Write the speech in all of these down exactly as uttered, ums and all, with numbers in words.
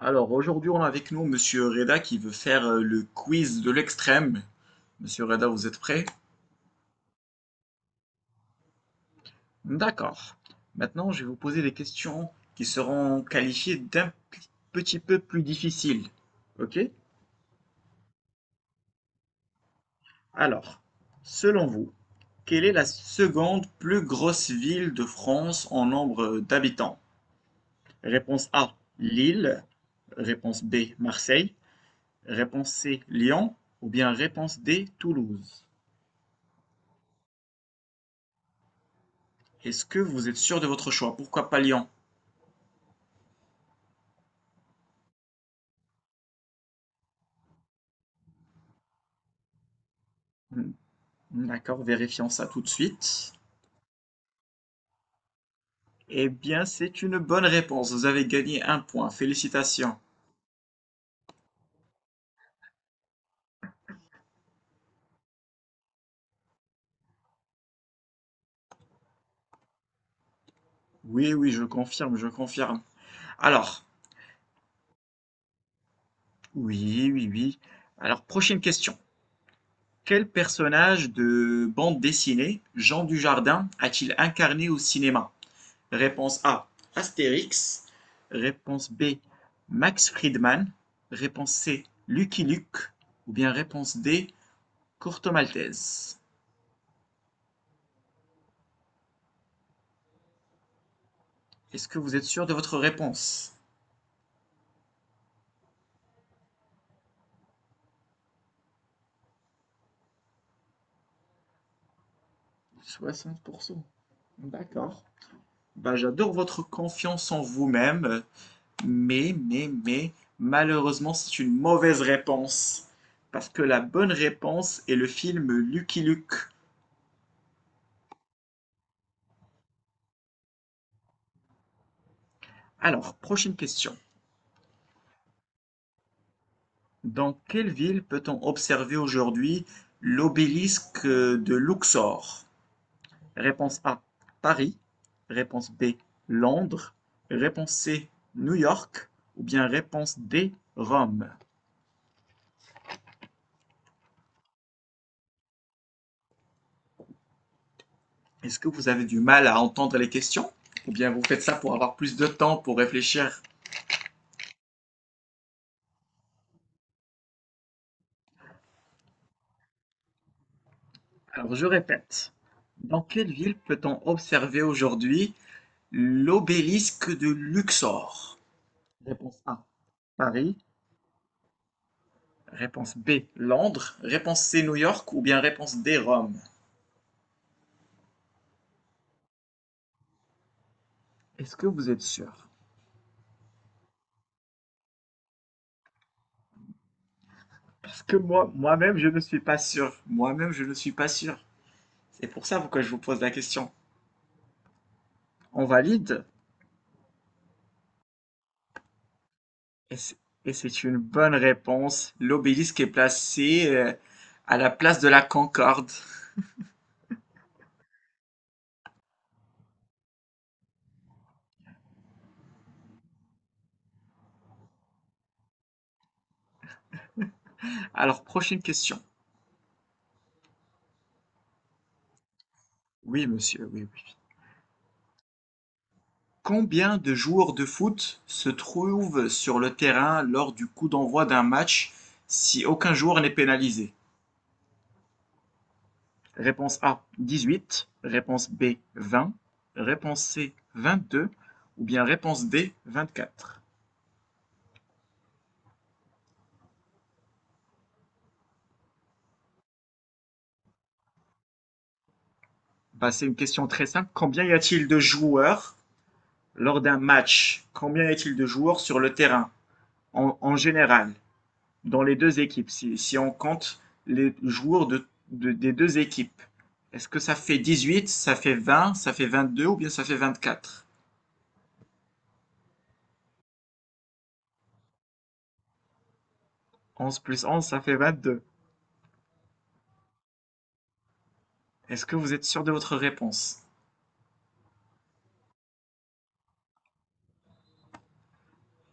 Alors aujourd'hui, on a avec nous Monsieur Reda qui veut faire euh, le quiz de l'extrême. Monsieur Reda, vous êtes prêt? D'accord. Maintenant, je vais vous poser des questions qui seront qualifiées d'un p- petit peu plus difficiles. Ok? Alors, selon vous, quelle est la seconde plus grosse ville de France en nombre d'habitants? Réponse A, Lille. Réponse B, Marseille. Réponse C, Lyon. Ou bien réponse D, Toulouse. Est-ce que vous êtes sûr de votre choix? Pourquoi pas Lyon? Hmm, D'accord, vérifions ça tout de suite. Eh bien, c'est une bonne réponse. Vous avez gagné un point. Félicitations. Oui, oui, je confirme, je confirme. Alors, oui, oui, oui. Alors, prochaine question. Quel personnage de bande dessinée Jean Dujardin a-t-il incarné au cinéma? Réponse A, Astérix. Réponse B, Max Friedman. Réponse C, Lucky Luke. Ou bien réponse D, Courte maltaise. Est-ce que vous êtes sûr de votre réponse? Soixante pour cent. D'accord. Bah, j'adore votre confiance en vous-même, mais, mais, mais, malheureusement, c'est une mauvaise réponse. Parce que la bonne réponse est le film Lucky Luke. Alors, prochaine question. Dans quelle ville peut-on observer aujourd'hui l'obélisque de Luxor? Réponse A, Paris. Réponse B, Londres. Réponse C, New York. Ou bien réponse D, Rome. Est-ce que vous avez du mal à entendre les questions? Ou bien vous faites ça pour avoir plus de temps pour réfléchir? Alors, je répète. Dans quelle ville peut-on observer aujourd'hui l'obélisque de Luxor? Réponse A, Paris. Réponse B, Londres. Réponse C, New York. Ou bien réponse D, Rome. Est-ce que vous êtes sûr? Parce que moi, moi-même, je ne suis pas sûr. Moi-même, je ne suis pas sûr. C'est pour ça pourquoi je vous pose la question. On valide? Et c'est et c'est une bonne réponse. L'obélisque est placé euh, à la place de la Concorde. Alors, prochaine question. Oui, monsieur, oui, oui. Combien de joueurs de foot se trouvent sur le terrain lors du coup d'envoi d'un match si aucun joueur n'est pénalisé? Réponse A, dix-huit. Réponse B, vingt. Réponse C, vingt-deux. Ou bien réponse D, vingt-quatre. Bah, c'est une question très simple. Combien y a-t-il de joueurs lors d'un match? Combien y a-t-il de joueurs sur le terrain en, en général, dans les deux équipes, si, si on compte les joueurs de- de- des deux équipes? Est-ce que ça fait dix-huit, ça fait vingt, ça fait vingt-deux ou bien ça fait vingt-quatre? onze plus onze, ça fait vingt-deux. Est-ce que vous êtes sûr de votre réponse?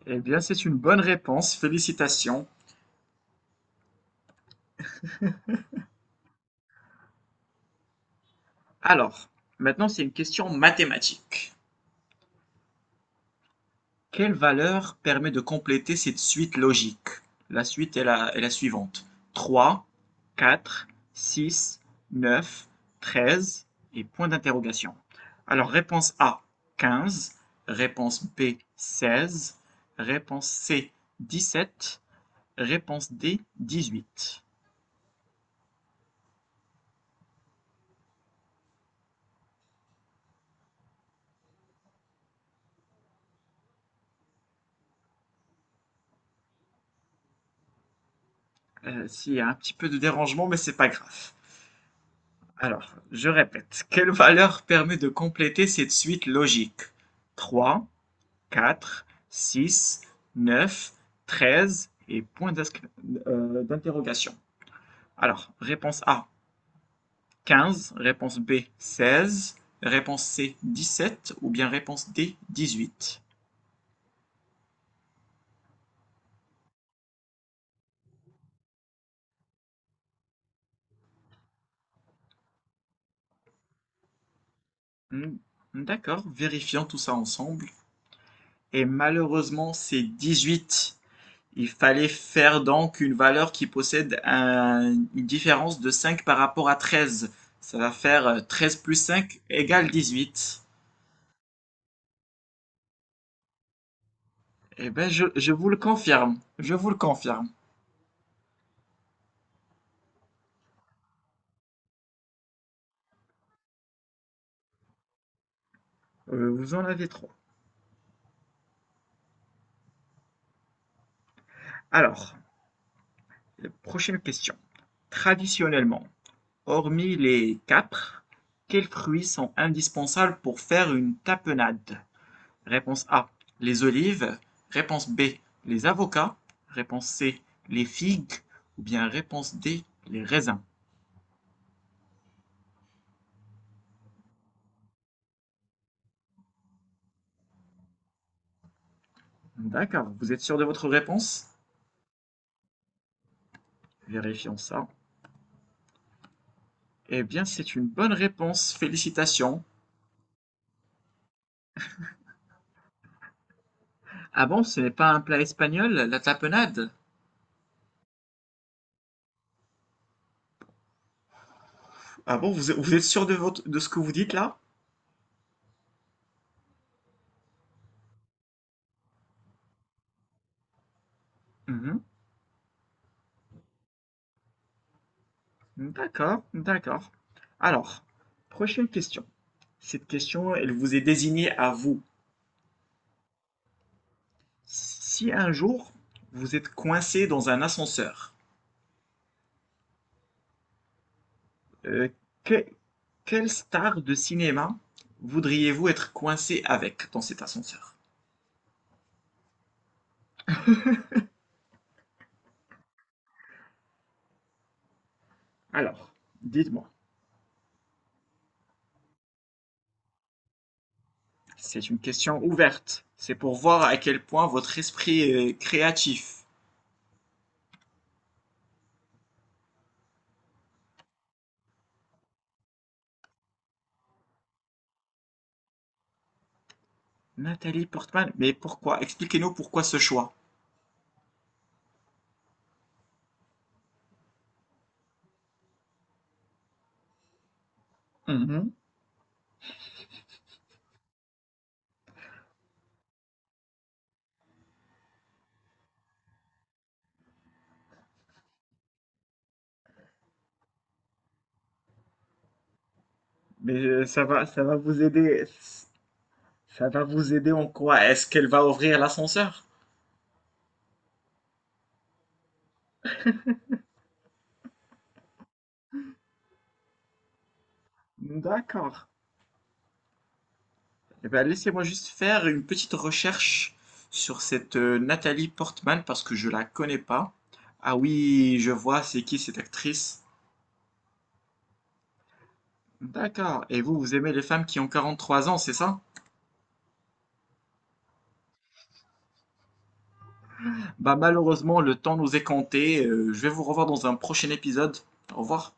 Eh bien, c'est une bonne réponse, félicitations. Alors, maintenant c'est une question mathématique. Quelle valeur permet de compléter cette suite logique? La suite est la, est la suivante. Trois, quatre, six, neuf, treize et point d'interrogation. Alors, réponse A, quinze. Réponse B, seize. Réponse C, dix-sept. Réponse D, dix-huit. Euh, s'il y a un petit peu de dérangement, mais c'est pas grave. Alors, je répète, quelle valeur permet de compléter cette suite logique? Trois, quatre, six, neuf, treize et point euh, d'interrogation. Alors, réponse A, quinze, réponse B, seize, réponse C, dix-sept ou bien réponse D, dix-huit. Hmm, D'accord, vérifions tout ça ensemble. Et malheureusement, c'est dix-huit. Il fallait faire donc une valeur qui possède un- une différence de cinq par rapport à treize. Ça va faire euh, treize plus cinq égale huit. Eh ben, je, je vous le confirme. Je vous le confirme. Euh, vous en avez trois. Alors, euh, prochaine question. Traditionnellement, hormis les capres, quels fruits sont indispensables pour faire une tapenade? Réponse A. Les olives. Réponse B. Les avocats. Réponse C. Les figues. Ou bien réponse D. Les raisins. D'accord, vous êtes sûr de votre réponse? Vérifions ça. Eh bien, c'est une bonne réponse. Félicitations. Ah bon, ce n'est pas un plat espagnol, la tapenade? Ah bon, vous, vous êtes sûr de votre, de ce que vous dites là? Mhm. D'accord, d'accord. Alors, prochaine question. Cette question, elle vous est désignée à vous. Si un jour vous êtes coincé dans un ascenseur, euh, que- quelle star de cinéma voudriez-vous être coincé avec dans cet ascenseur? Alors, dites-moi, c'est une question ouverte. C'est pour voir à quel point votre esprit est créatif. Nathalie Portman, mais pourquoi? Expliquez-nous pourquoi ce choix. Mhm. Mais euh, ça va, ça va vous aider. Ça va vous aider en quoi? Est-ce qu'elle va ouvrir l'ascenseur? D'accord. Eh ben, laissez-moi juste faire une petite recherche sur cette euh, Nathalie Portman parce que je la connais pas. Ah oui, je vois, c'est qui cette actrice? D'accord. Et vous, vous aimez les femmes qui ont quarante-trois ans, c'est ça? Bah malheureusement, le temps nous est compté. Euh, je vais vous revoir dans un prochain épisode. Au revoir.